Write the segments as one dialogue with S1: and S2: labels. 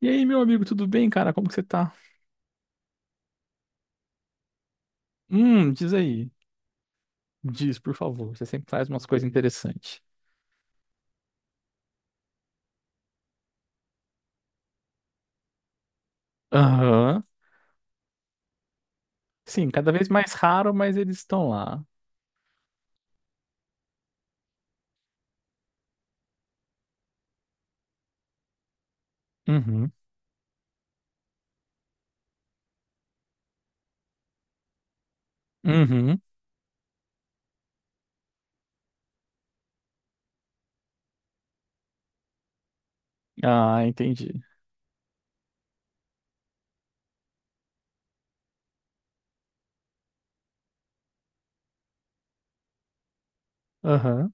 S1: E aí, meu amigo, tudo bem, cara? Como que você tá? Diz aí. Diz, por favor. Você sempre traz umas coisas interessantes. Aham. Sim, cada vez mais raro, mas eles estão lá. Uhum. Uhum. Ah, entendi. Aham.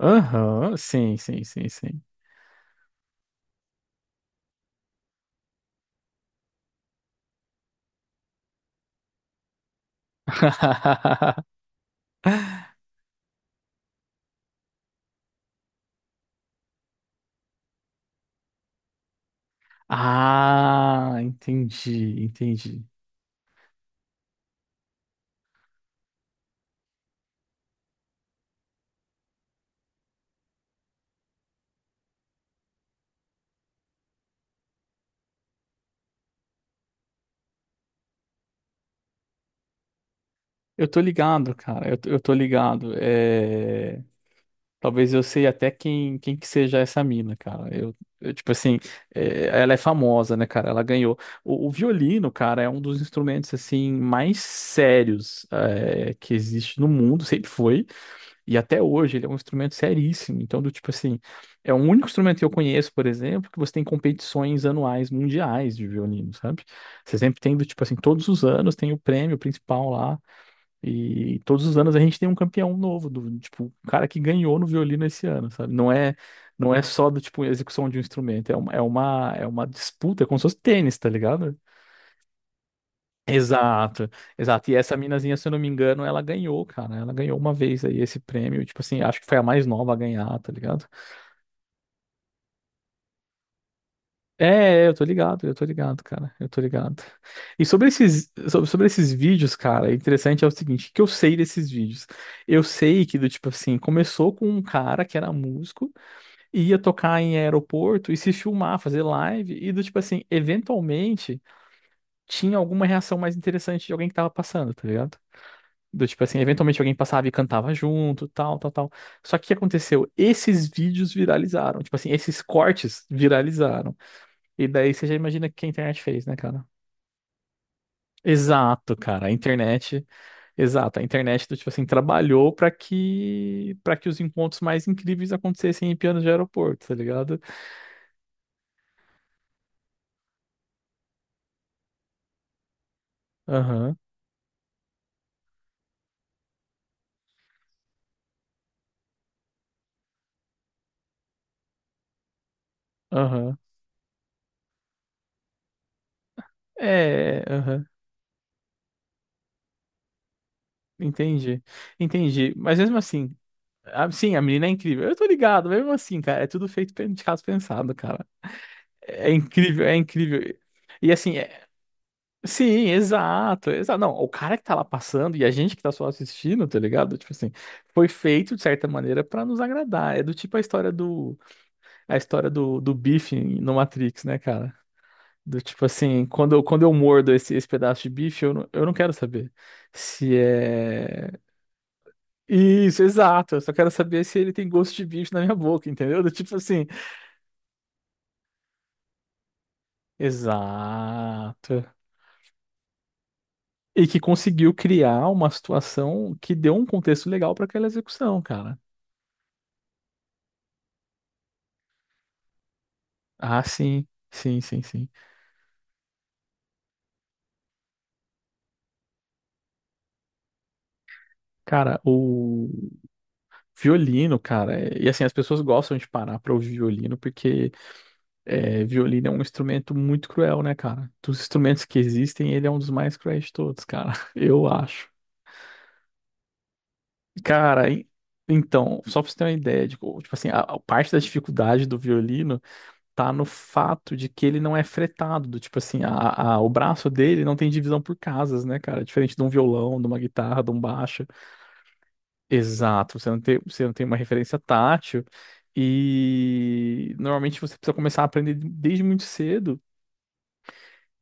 S1: Aham. Sim, sim, sim, sim. Ah, entendi, entendi. Eu tô ligado, cara. Eu tô ligado. Talvez eu sei até quem que seja essa mina, cara. Tipo assim, ela é famosa, né, cara? Ela ganhou. O violino, cara, é um dos instrumentos, assim, mais sérios, que existe no mundo, sempre foi. E até hoje ele é um instrumento seríssimo. Então, do tipo assim, é o único instrumento que eu conheço, por exemplo, que você tem competições anuais mundiais de violino, sabe? Você sempre tem, do tipo assim, todos os anos tem o prêmio principal lá. E todos os anos a gente tem um campeão novo, do tipo, o cara que ganhou no violino esse ano, sabe? Não é, não é só do tipo execução de um instrumento, é uma disputa, é como se fosse tênis, tá ligado? Exato, exato. E essa minazinha, se eu não me engano, ela ganhou, cara. Ela ganhou uma vez aí esse prêmio, tipo assim, acho que foi a mais nova a ganhar, tá ligado? É, é, eu tô ligado, cara, eu tô ligado. E sobre esses vídeos, cara, interessante é o seguinte, o que eu sei desses vídeos? Eu sei que, do tipo assim, começou com um cara que era músico, e ia tocar em aeroporto e se filmar, fazer live, e do tipo assim, eventualmente tinha alguma reação mais interessante de alguém que tava passando, tá ligado? Do tipo assim, eventualmente alguém passava e cantava junto, tal, tal, tal. Só que o que aconteceu? Esses vídeos viralizaram, tipo assim, esses cortes viralizaram. E daí você já imagina o que a internet fez, né, cara? Exato, cara. A internet, exato. A internet, do tipo assim, trabalhou para que os encontros mais incríveis acontecessem em pianos de aeroporto, tá ligado? Aham, aham. É, aham. Entendi. Entendi. Mas mesmo assim, sim, a menina é incrível. Eu tô ligado, mesmo assim, cara, é tudo feito de caso pensado, cara. É incrível, é incrível. E assim, sim, exato, exato. Não, o cara que tá lá passando e a gente que tá só assistindo, tá ligado? Tipo assim, foi feito de certa maneira pra nos agradar. É do tipo a história do bife no Matrix, né, cara? Do tipo assim, quando eu mordo esse pedaço de bife, eu não quero saber se é. Isso, exato. Eu só quero saber se ele tem gosto de bife na minha boca, entendeu? Do tipo assim, exato. E que conseguiu criar uma situação que deu um contexto legal pra aquela execução, cara. Ah, sim, sim, sim, sim. Cara, o violino, cara, e assim, as pessoas gostam de parar pra ouvir violino porque é, violino é um instrumento muito cruel, né, cara? Dos instrumentos que existem, ele é um dos mais cruéis de todos, cara, eu acho. Cara, e- então, só pra você ter uma ideia, tipo assim, a parte da dificuldade do violino tá no fato de que ele não é fretado, do tipo assim, o braço dele não tem divisão por casas, né, cara? Diferente de um violão, de uma guitarra, de um baixo. Exato, você não tem uma referência tátil e normalmente você precisa começar a aprender desde muito cedo.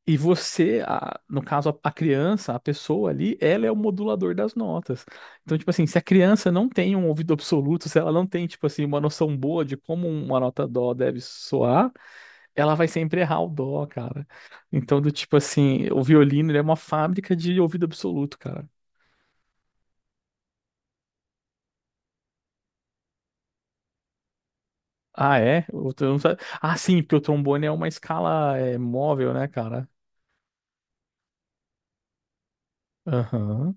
S1: E você, no caso, a criança, a pessoa ali, ela é o modulador das notas. Então, tipo assim, se a criança não tem um ouvido absoluto, se ela não tem, tipo assim, uma noção boa de como uma nota dó deve soar, ela vai sempre errar o dó, cara. Então, do tipo assim, o violino, ele é uma fábrica de ouvido absoluto, cara. Ah, é? Ah, sim, porque o trombone é uma escala é, móvel, né, cara? Aham.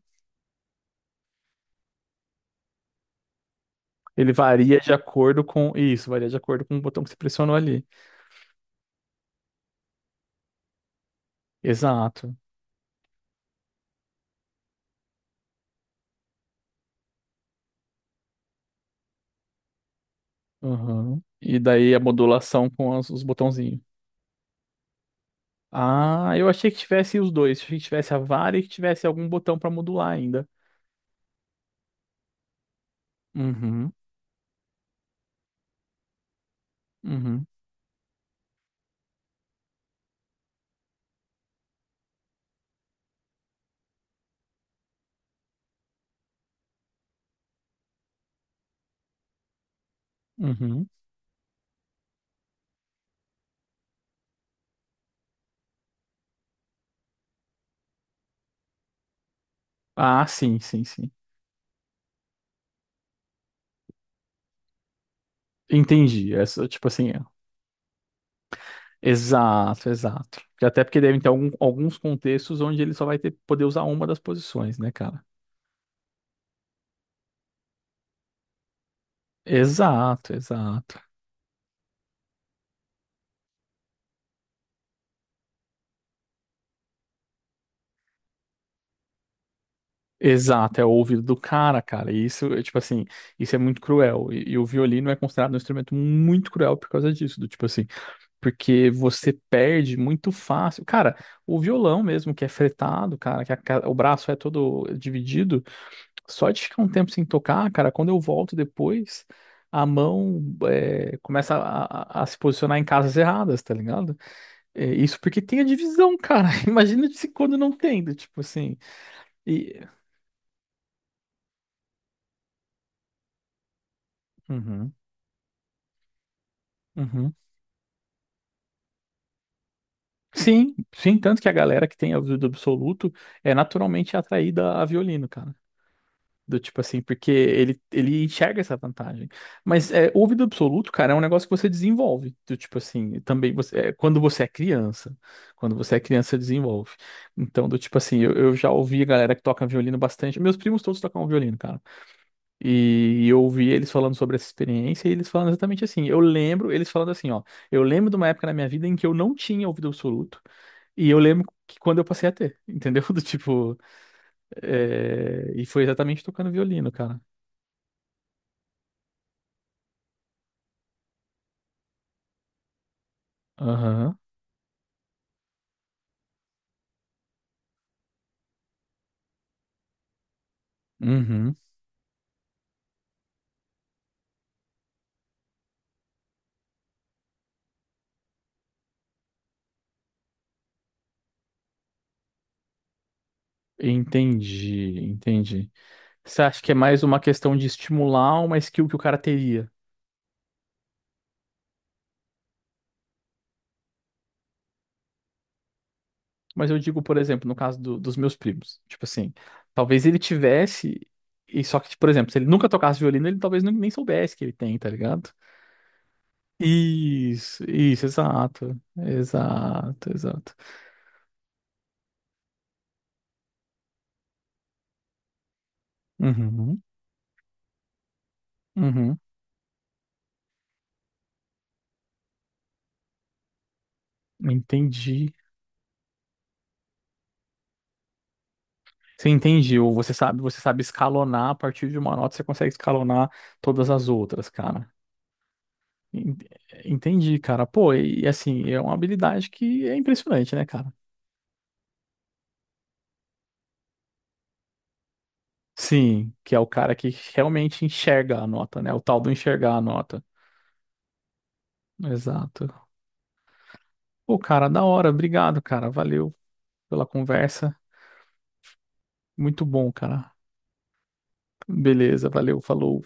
S1: Ele varia de acordo com. Isso, varia de acordo com o botão que você pressionou ali. Exato. Aham. E daí a modulação com os botãozinhos. Ah, eu achei que tivesse os dois. Achei que tivesse a vara e que tivesse algum botão pra modular ainda. Uhum, uhum, uhum. Ah, sim, sim, sim. Entendi. Essa, tipo assim. Exato, exato. Porque até porque devem ter alguns contextos onde ele só vai ter, poder usar uma das posições, né, cara? Exato, exato. Exato, é o ouvido do cara, cara. E isso, é, tipo assim, isso é muito cruel. E o violino é considerado um instrumento muito cruel por causa disso, do tipo assim, porque você perde muito fácil. Cara, o violão mesmo, que é fretado, cara, que o braço é todo dividido. Só de ficar um tempo sem tocar, cara, quando eu volto depois, a mão é, começa a se posicionar em casas erradas, tá ligado? É, isso porque tem a divisão, cara. Imagina se quando não tem, do tipo assim. E... Uhum, uhum. Sim, sim, tanto que a galera que tem ouvido absoluto é naturalmente atraída a violino, cara. Do tipo assim, porque ele enxerga essa vantagem. Mas é, ouvido absoluto, cara, é um negócio que você desenvolve. Do tipo assim, também você, é, quando você é criança. Quando você é criança, você desenvolve. Então, do tipo assim, eu já ouvi a galera que toca violino bastante. Meus primos todos tocam violino, cara. E eu ouvi eles falando sobre essa experiência e eles falando exatamente assim. Eu lembro, eles falando assim, ó. Eu lembro de uma época na minha vida em que eu não tinha ouvido absoluto. E eu lembro que quando eu passei a ter, entendeu? Do tipo. E foi exatamente tocando violino, cara. Aham. Uhum. Entendi, entendi. Você acha que é mais uma questão de estimular uma skill que o cara teria? Mas eu digo, por exemplo, no caso dos meus primos. Tipo assim, talvez ele tivesse, e só que, por exemplo, se ele nunca tocasse violino, ele talvez nem soubesse que ele tem, tá ligado? Isso, exato. Exato, exato. Uhum, uhum. Entendi. Você entendi, ou você sabe escalonar a partir de uma nota, você consegue escalonar todas as outras, cara. En- Entendi, cara. Pô, e assim, é uma habilidade que é impressionante, né, cara? Sim, que é o cara que realmente enxerga a nota, né? O tal do enxergar a nota. Exato. Pô, cara, da hora. Obrigado, cara. Valeu pela conversa. Muito bom, cara. Beleza, valeu, falou.